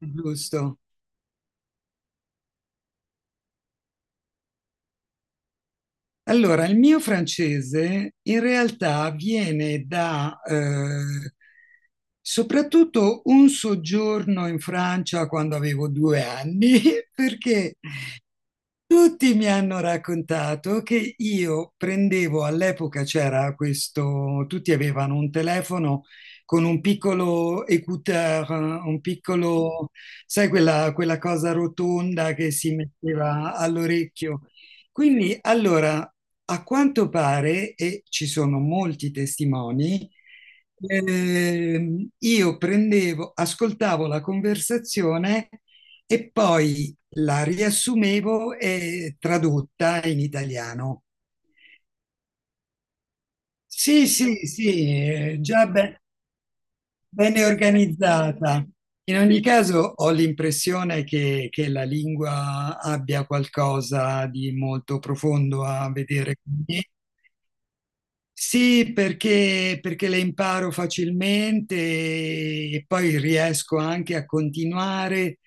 Giusto. Allora, il mio francese in realtà viene da soprattutto un soggiorno in Francia quando avevo 2 anni, perché tutti mi hanno raccontato che io prendevo all'epoca c'era questo, tutti avevano un telefono con un piccolo écouteur, un piccolo, sai, quella cosa rotonda che si metteva all'orecchio. Quindi, allora, a quanto pare, e ci sono molti testimoni, io prendevo, ascoltavo la conversazione. E poi la riassumevo e tradotta in italiano. Sì, sì, sì, già bene organizzata. In ogni caso ho l'impressione che la lingua abbia qualcosa di molto profondo a vedere con me. Sì, perché, perché le imparo facilmente e poi riesco anche a continuare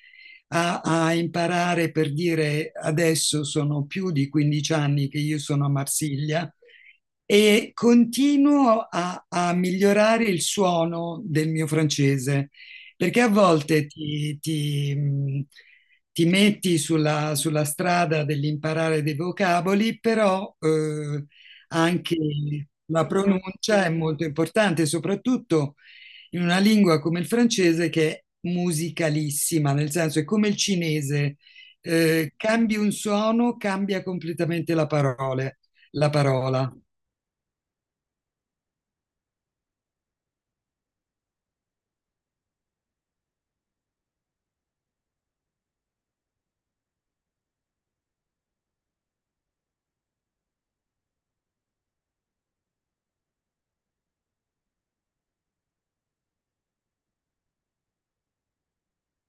a, a imparare, per dire, adesso sono più di 15 anni che io sono a Marsiglia e continuo a, a migliorare il suono del mio francese, perché a volte ti metti sulla, sulla strada dell'imparare dei vocaboli, però... anche la pronuncia è molto importante, soprattutto in una lingua come il francese che è musicalissima, nel senso è come il cinese, cambi un suono, cambia completamente la la parola.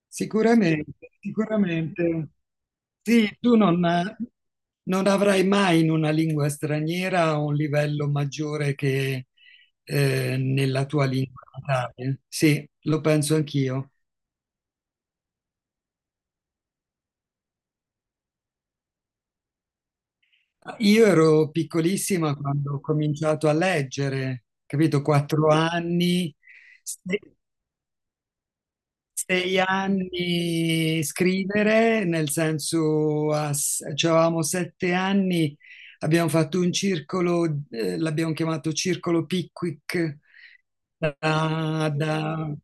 Sicuramente, sicuramente. Sì, tu non, non avrai mai in una lingua straniera un livello maggiore che nella tua lingua natale. Sì, lo penso anch'io. Io ero piccolissima quando ho cominciato a leggere, capito? 4 anni, se- 6 anni scrivere, nel senso, cioè, avevamo 7 anni, abbiamo fatto un circolo, l'abbiamo chiamato Circolo Pickwick, da, da-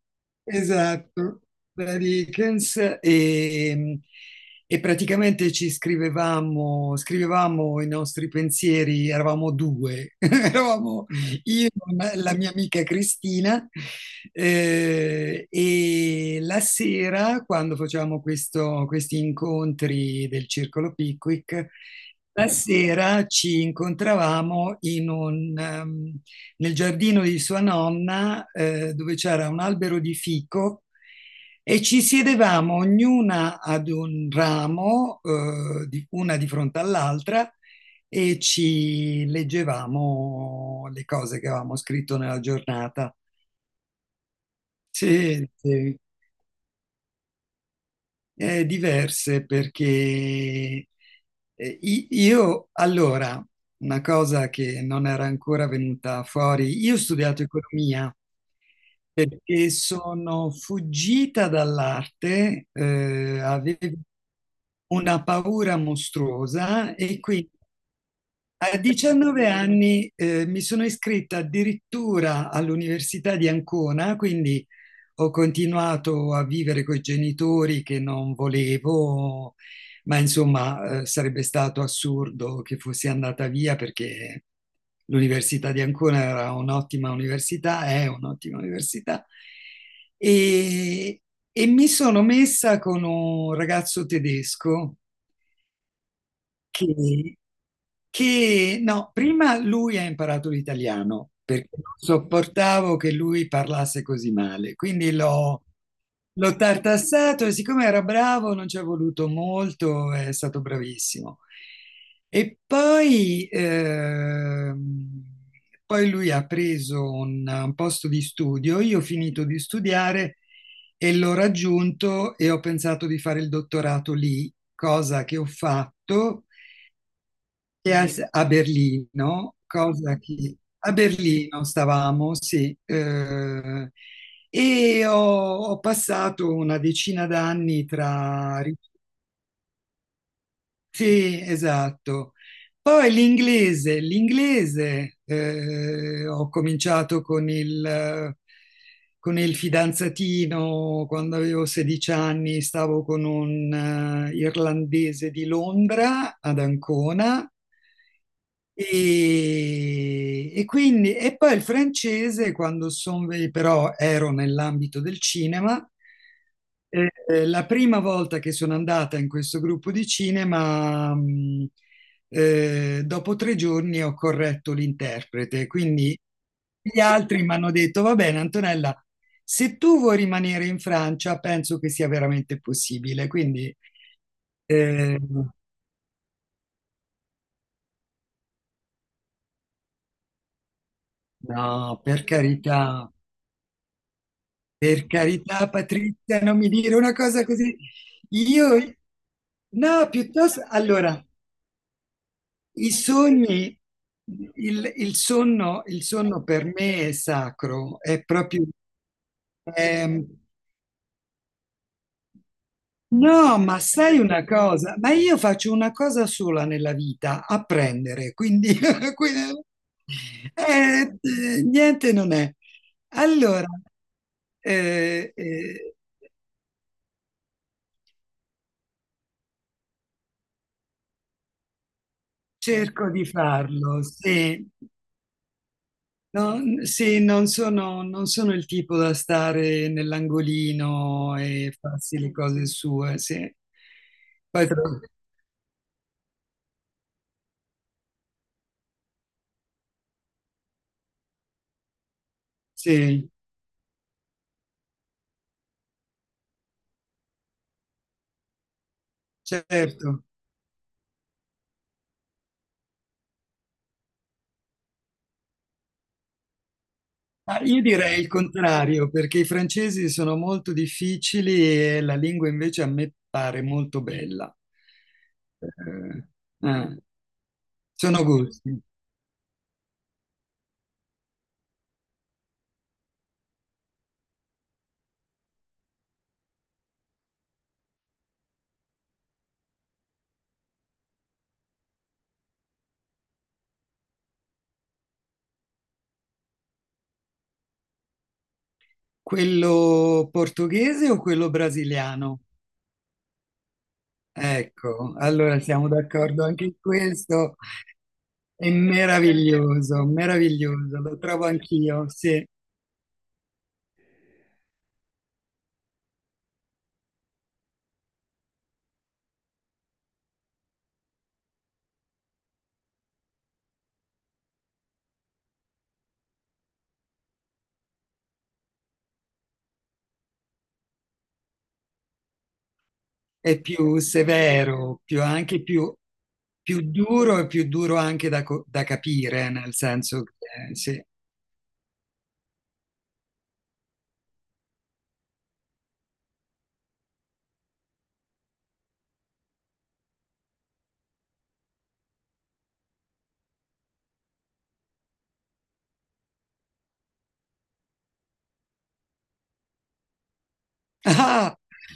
esatto, da Dickens e praticamente ci scrivevamo, scrivevamo i nostri pensieri, eravamo due, eravamo io e la mia amica Cristina, e la sera quando facevamo questi incontri del Circolo Pickwick, la sera ci incontravamo in un, nel giardino di sua nonna dove c'era un albero di fico e ci siedevamo ognuna ad un ramo, una di fronte all'altra, e ci leggevamo le cose che avevamo scritto nella giornata. Sì, sì. Diverse perché io allora, una cosa che non era ancora venuta fuori, io ho studiato economia perché sono fuggita dall'arte, avevo una paura mostruosa e quindi a 19 anni mi sono iscritta addirittura all'Università di Ancona, quindi ho continuato a vivere con i genitori che non volevo, ma insomma sarebbe stato assurdo che fossi andata via perché l'Università di Ancona era un'ottima università, è un'ottima università. E, e mi sono messa con un ragazzo tedesco che no, prima lui ha imparato l'italiano perché non sopportavo che lui parlasse così male, quindi l'ho tartassato e siccome era bravo non ci è voluto molto, è stato bravissimo. E poi, poi lui ha preso un posto di studio, io ho finito di studiare e l'ho raggiunto e ho pensato di fare il dottorato lì, cosa che ho fatto e a, a Berlino, cosa che a Berlino stavamo, sì, e ho, ho passato una decina d'anni tra... Sì, esatto. Poi l'inglese, l'inglese, ho cominciato con il fidanzatino quando avevo 16 anni, stavo con un irlandese di Londra, ad Ancona, e quindi, e poi il francese, quando però ero nell'ambito del cinema, la prima volta che sono andata in questo gruppo di cinema, dopo 3 giorni ho corretto l'interprete, quindi gli altri mi hanno detto, va bene, Antonella, se tu vuoi rimanere in Francia, penso che sia veramente possibile, quindi... Eh, no, per carità. Per carità, Patrizia, non mi dire una cosa così. Io, no, piuttosto, allora, i sogni, il sonno per me è sacro, è proprio... ehm, no, ma sai una cosa, ma io faccio una cosa sola nella vita, apprendere, quindi, quindi- niente non è. Allora, eh, eh, cerco di farlo, sì. No, sì, non sono il tipo da stare nell'angolino e farsi le cose sue, sì. Poi tra- sì, certo. Ma io direi il contrario, perché i francesi sono molto difficili e la lingua invece a me pare molto bella. Eh, eh, sono gusti. Quello portoghese o quello brasiliano? Ecco, allora siamo d'accordo anche in questo. È meraviglioso, meraviglioso, lo trovo anch'io, sì, è più duro e più duro anche da capire, nel senso che, sì.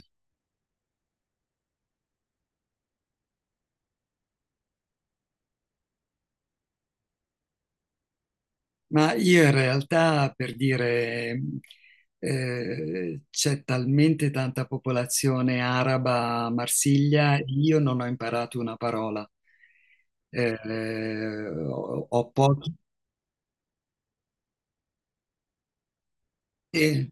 Ma io in realtà, per dire, c'è talmente tanta popolazione araba a Marsiglia, io non ho imparato una parola. Ho pochi... Sì,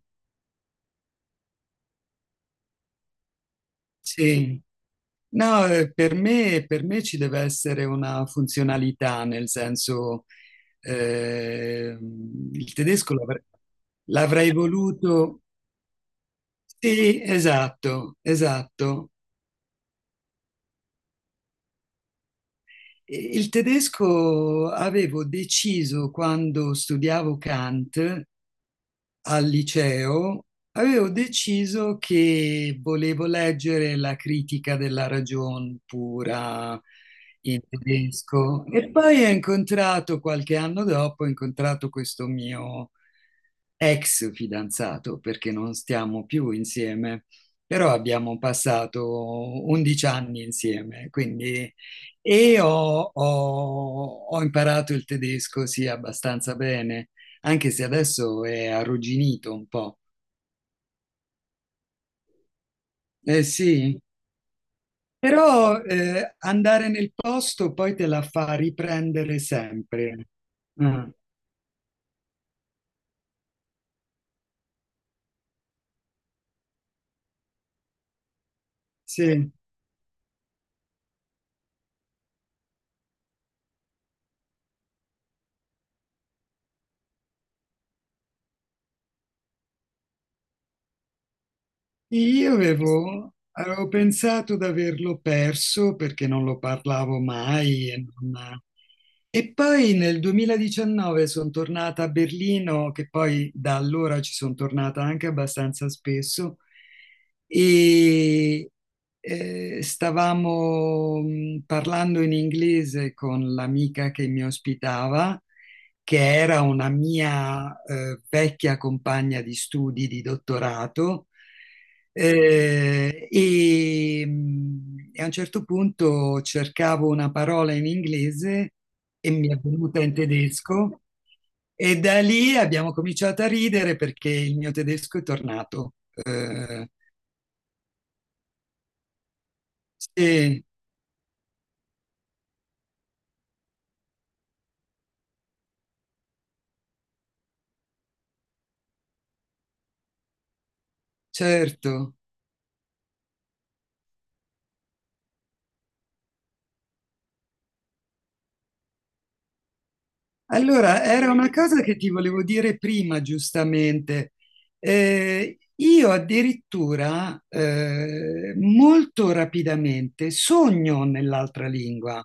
sì. No, per me ci deve essere una funzionalità, nel senso, eh, il tedesco l'avrei voluto... Sì, esatto, esatto. Il tedesco avevo deciso quando studiavo Kant al liceo, avevo deciso che volevo leggere la critica della ragion pura in tedesco e poi ho incontrato, qualche anno dopo, ho incontrato questo mio ex fidanzato, perché non stiamo più insieme, però abbiamo passato 11 anni insieme, quindi... E ho, ho imparato il tedesco, sì, abbastanza bene anche se adesso è arrugginito un po'. Eh sì, però andare nel posto poi te la fa riprendere sempre. Ah, sì, io avevo, avevo pensato di averlo perso perché non lo parlavo mai e non, e poi nel 2019 sono tornata a Berlino, che poi da allora ci sono tornata anche abbastanza spesso, e stavamo parlando in inglese con l'amica che mi ospitava, che era una mia vecchia compagna di studi di dottorato, e a un certo punto cercavo una parola in inglese e mi è venuta in tedesco e da lì abbiamo cominciato a ridere perché il mio tedesco è tornato. Sì, certo. Allora, era una cosa che ti volevo dire prima, giustamente. Io addirittura molto rapidamente sogno nell'altra lingua.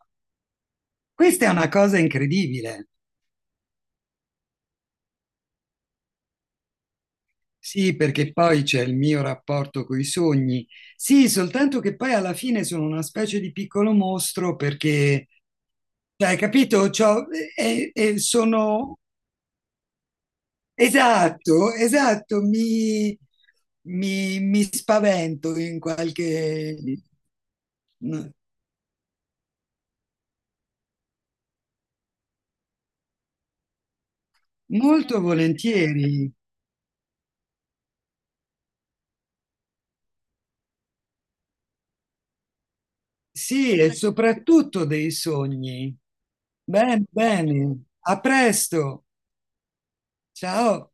Questa è una cosa incredibile. Sì, perché poi c'è il mio rapporto con i sogni. Sì, soltanto che poi alla fine sono una specie di piccolo mostro perché, cioè, hai capito? C'ho- e sono... Esatto, esatto, mi, mi spavento in qualche... Molto volentieri. Sì, e soprattutto dei sogni. Bene, bene. A presto. Ciao.